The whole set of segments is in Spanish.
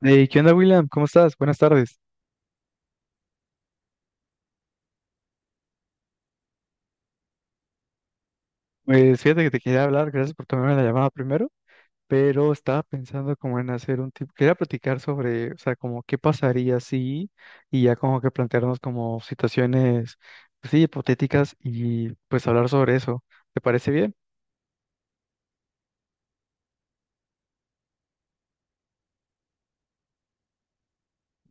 Hey, ¿qué onda, William? ¿Cómo estás? Buenas tardes. Pues fíjate que te quería hablar, gracias por tomarme la llamada primero, pero estaba pensando como en hacer un tipo, quería platicar sobre, o sea, como qué pasaría si, y ya como que plantearnos como situaciones, pues sí, hipotéticas y pues hablar sobre eso. ¿Te parece bien?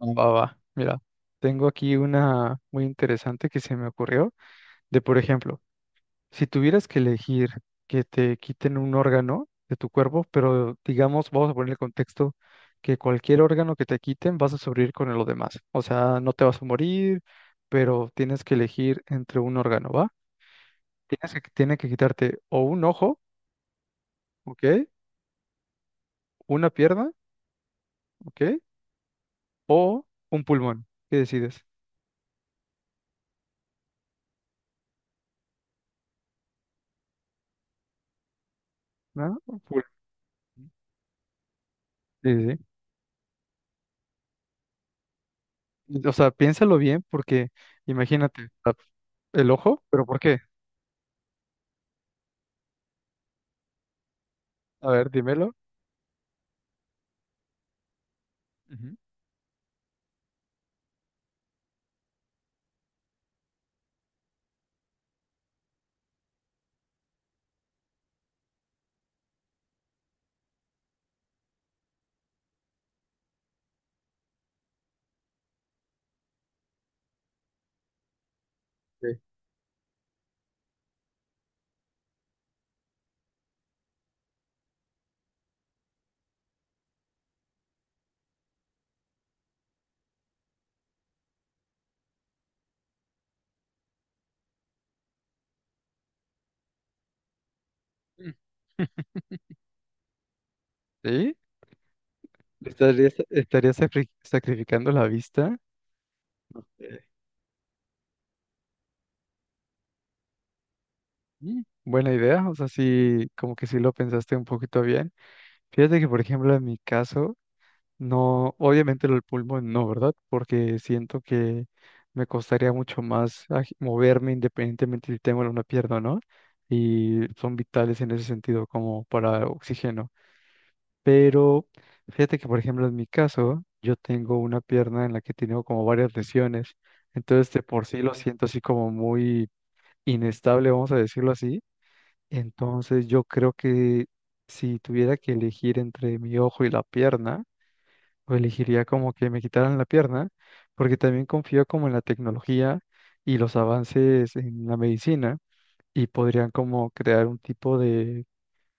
Va, va, va. Mira, tengo aquí una muy interesante que se me ocurrió, de por ejemplo, si tuvieras que elegir que te quiten un órgano de tu cuerpo, pero digamos, vamos a poner el contexto que cualquier órgano que te quiten vas a sobrevivir con lo demás. O sea, no te vas a morir, pero tienes que elegir entre un órgano, ¿va? Tienes que, tienen que quitarte o un ojo, ¿ok? Una pierna, ¿ok? O un pulmón. ¿Qué decides? ¿No? Un pulmón. Sí, sí, sí. O sea, piénsalo bien porque imagínate, o sea, el ojo, pero ¿por qué? A ver, dímelo. Ujú. Sí. ¿Sí? ¿Estarías, estarías sacrificando la vista? Eh, mm, buena idea, o sea, sí, como que sí lo pensaste un poquito bien. Fíjate que, por ejemplo, en mi caso, no, obviamente el pulmón no, ¿verdad? Porque siento que me costaría mucho más moverme independientemente si tengo una pierna o no, y son vitales en ese sentido, como para oxígeno. Pero fíjate que, por ejemplo, en mi caso, yo tengo una pierna en la que tengo como varias lesiones. Entonces, de por sí lo siento así como muy inestable, vamos a decirlo así. Entonces, yo creo que si tuviera que elegir entre mi ojo y la pierna, o elegiría como que me quitaran la pierna, porque también confío como en la tecnología y los avances en la medicina y podrían como crear un tipo de,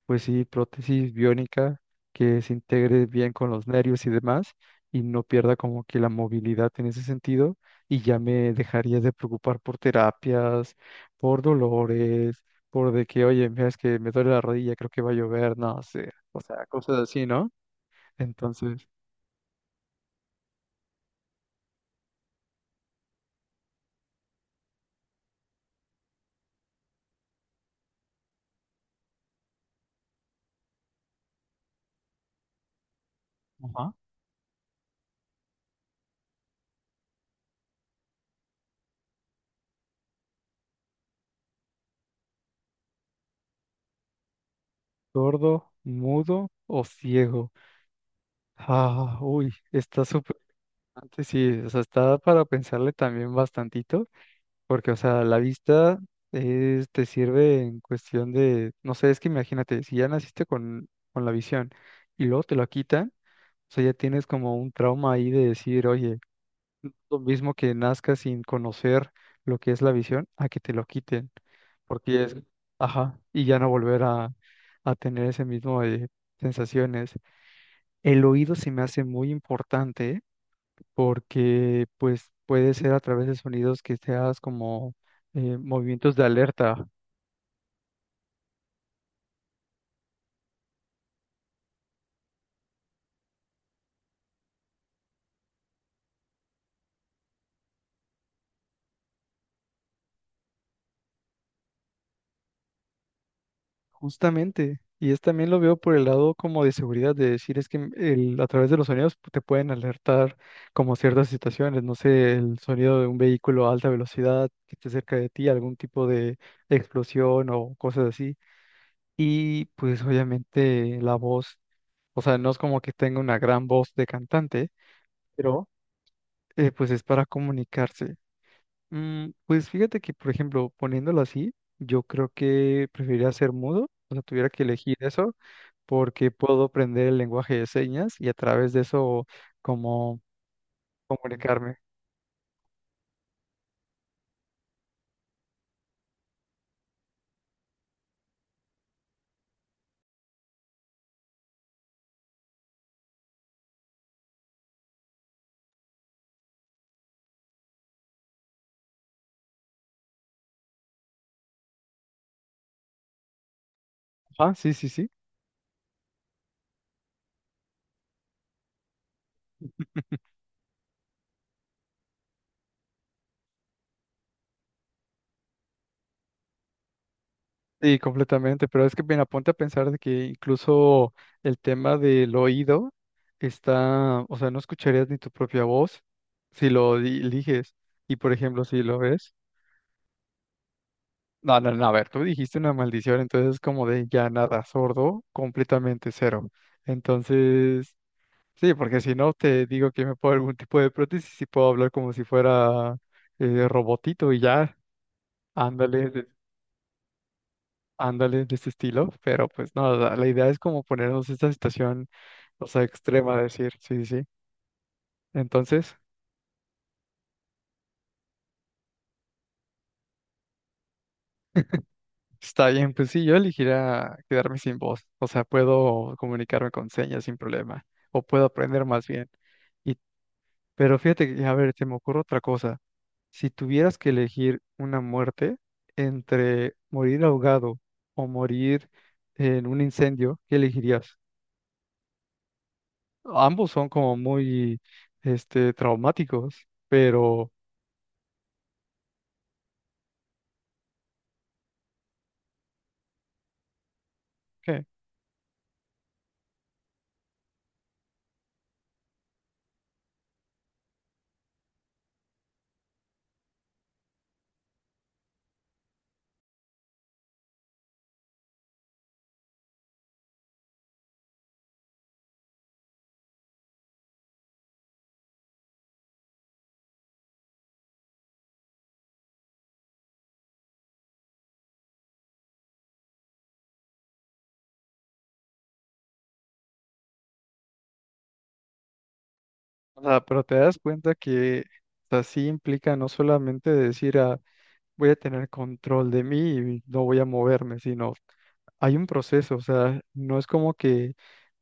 pues sí, prótesis biónica que se integre bien con los nervios y demás y no pierda como que la movilidad en ese sentido y ya me dejaría de preocupar por terapias, por dolores, por de que, oye, mira, es que me duele la rodilla, creo que va a llover, no sé, o sea, cosas así, ¿no? Entonces, ajá, sordo, mudo o ciego. Ah, uy, está súper interesante, sí, o sea, está para pensarle también bastantito. Porque, o sea, la vista te sirve en cuestión de, no sé, es que imagínate, si ya naciste con la visión y luego te la quitan, o sea, ya tienes como un trauma ahí de decir, oye, lo mismo que nazcas sin conocer lo que es la visión, a que te lo quiten, porque es, ajá, y ya no volver a tener ese mismo de sensaciones. El oído se me hace muy importante porque pues puede ser a través de sonidos que seas como, movimientos de alerta, justamente. Y es también lo veo por el lado como de seguridad, de decir es que el, a través de los sonidos te pueden alertar como ciertas situaciones, no sé, el sonido de un vehículo a alta velocidad que esté cerca de ti, algún tipo de explosión o cosas así. Y pues obviamente la voz, o sea, no es como que tenga una gran voz de cantante, pero pues es para comunicarse. Mm, pues fíjate que, por ejemplo, poniéndolo así, yo creo que preferiría ser mudo, o sea, tuviera que elegir eso, porque puedo aprender el lenguaje de señas y a través de eso como comunicarme. Ah, sí, sí, sí. Sí, completamente, pero es que, bien, aponte a pensar de que incluso el tema del oído está, o sea, no escucharías ni tu propia voz si lo eliges. Y, por ejemplo, si lo ves. No, no, no, a ver, tú dijiste una maldición, entonces es como de ya nada, sordo, completamente cero. Entonces, sí, porque si no te digo que me pongo algún tipo de prótesis y sí puedo hablar como si fuera robotito y ya, ándale, de- ándale de este estilo, pero pues no, la idea es como ponernos esta situación, o sea, extrema, decir, sí, sí, sí. Entonces, está bien, pues sí, yo elegiría quedarme sin voz, o sea, puedo comunicarme con señas sin problema, o puedo aprender más bien. Pero fíjate, que, a ver, se me ocurre otra cosa. Si tuvieras que elegir una muerte entre morir ahogado o morir en un incendio, ¿qué elegirías? Ambos son como muy, este, traumáticos, pero ¿qué? O sea, pero te das cuenta que así implica no solamente decir, ah, voy a tener control de mí y no voy a moverme, sino hay un proceso, o sea, no es como que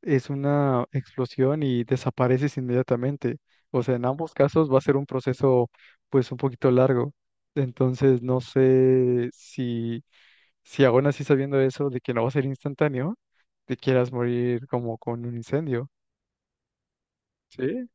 es una explosión y desapareces inmediatamente. O sea, en ambos casos va a ser un proceso pues un poquito largo. Entonces, no sé si, si aún así sabiendo eso de que no va a ser instantáneo, te quieras morir como con un incendio. ¿Sí?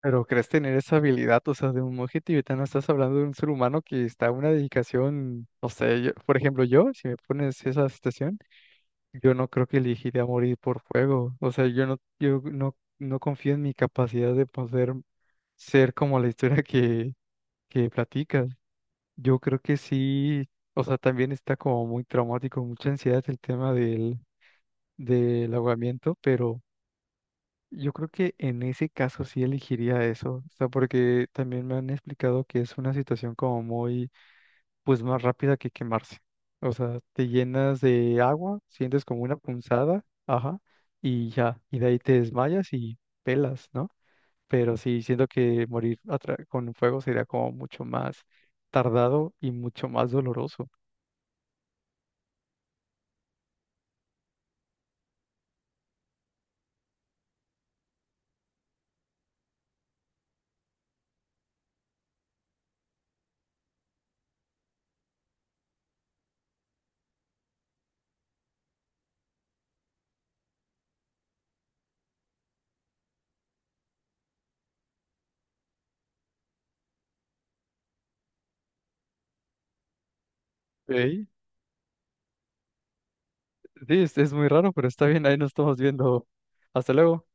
Pero crees tener esa habilidad, o sea, de un monje tibetano, estás hablando de un ser humano que está a una dedicación, no sé, por ejemplo, yo, si me pones esa situación, yo no creo que elegiría morir por fuego, o sea, yo no, yo no, no confío en mi capacidad de poder ser como la historia que platicas. Yo creo que sí, o sea, también está como muy traumático, mucha ansiedad el tema del, del ahogamiento, pero... Yo creo que en ese caso sí elegiría eso, o sea, porque también me han explicado que es una situación como muy, pues más rápida que quemarse. O sea, te llenas de agua, sientes como una punzada, ajá, y ya, y de ahí te desmayas y pelas, ¿no? Pero sí, siento que morir con fuego sería como mucho más tardado y mucho más doloroso. Ey, sí, es muy raro, pero está bien, ahí nos estamos viendo. Hasta luego.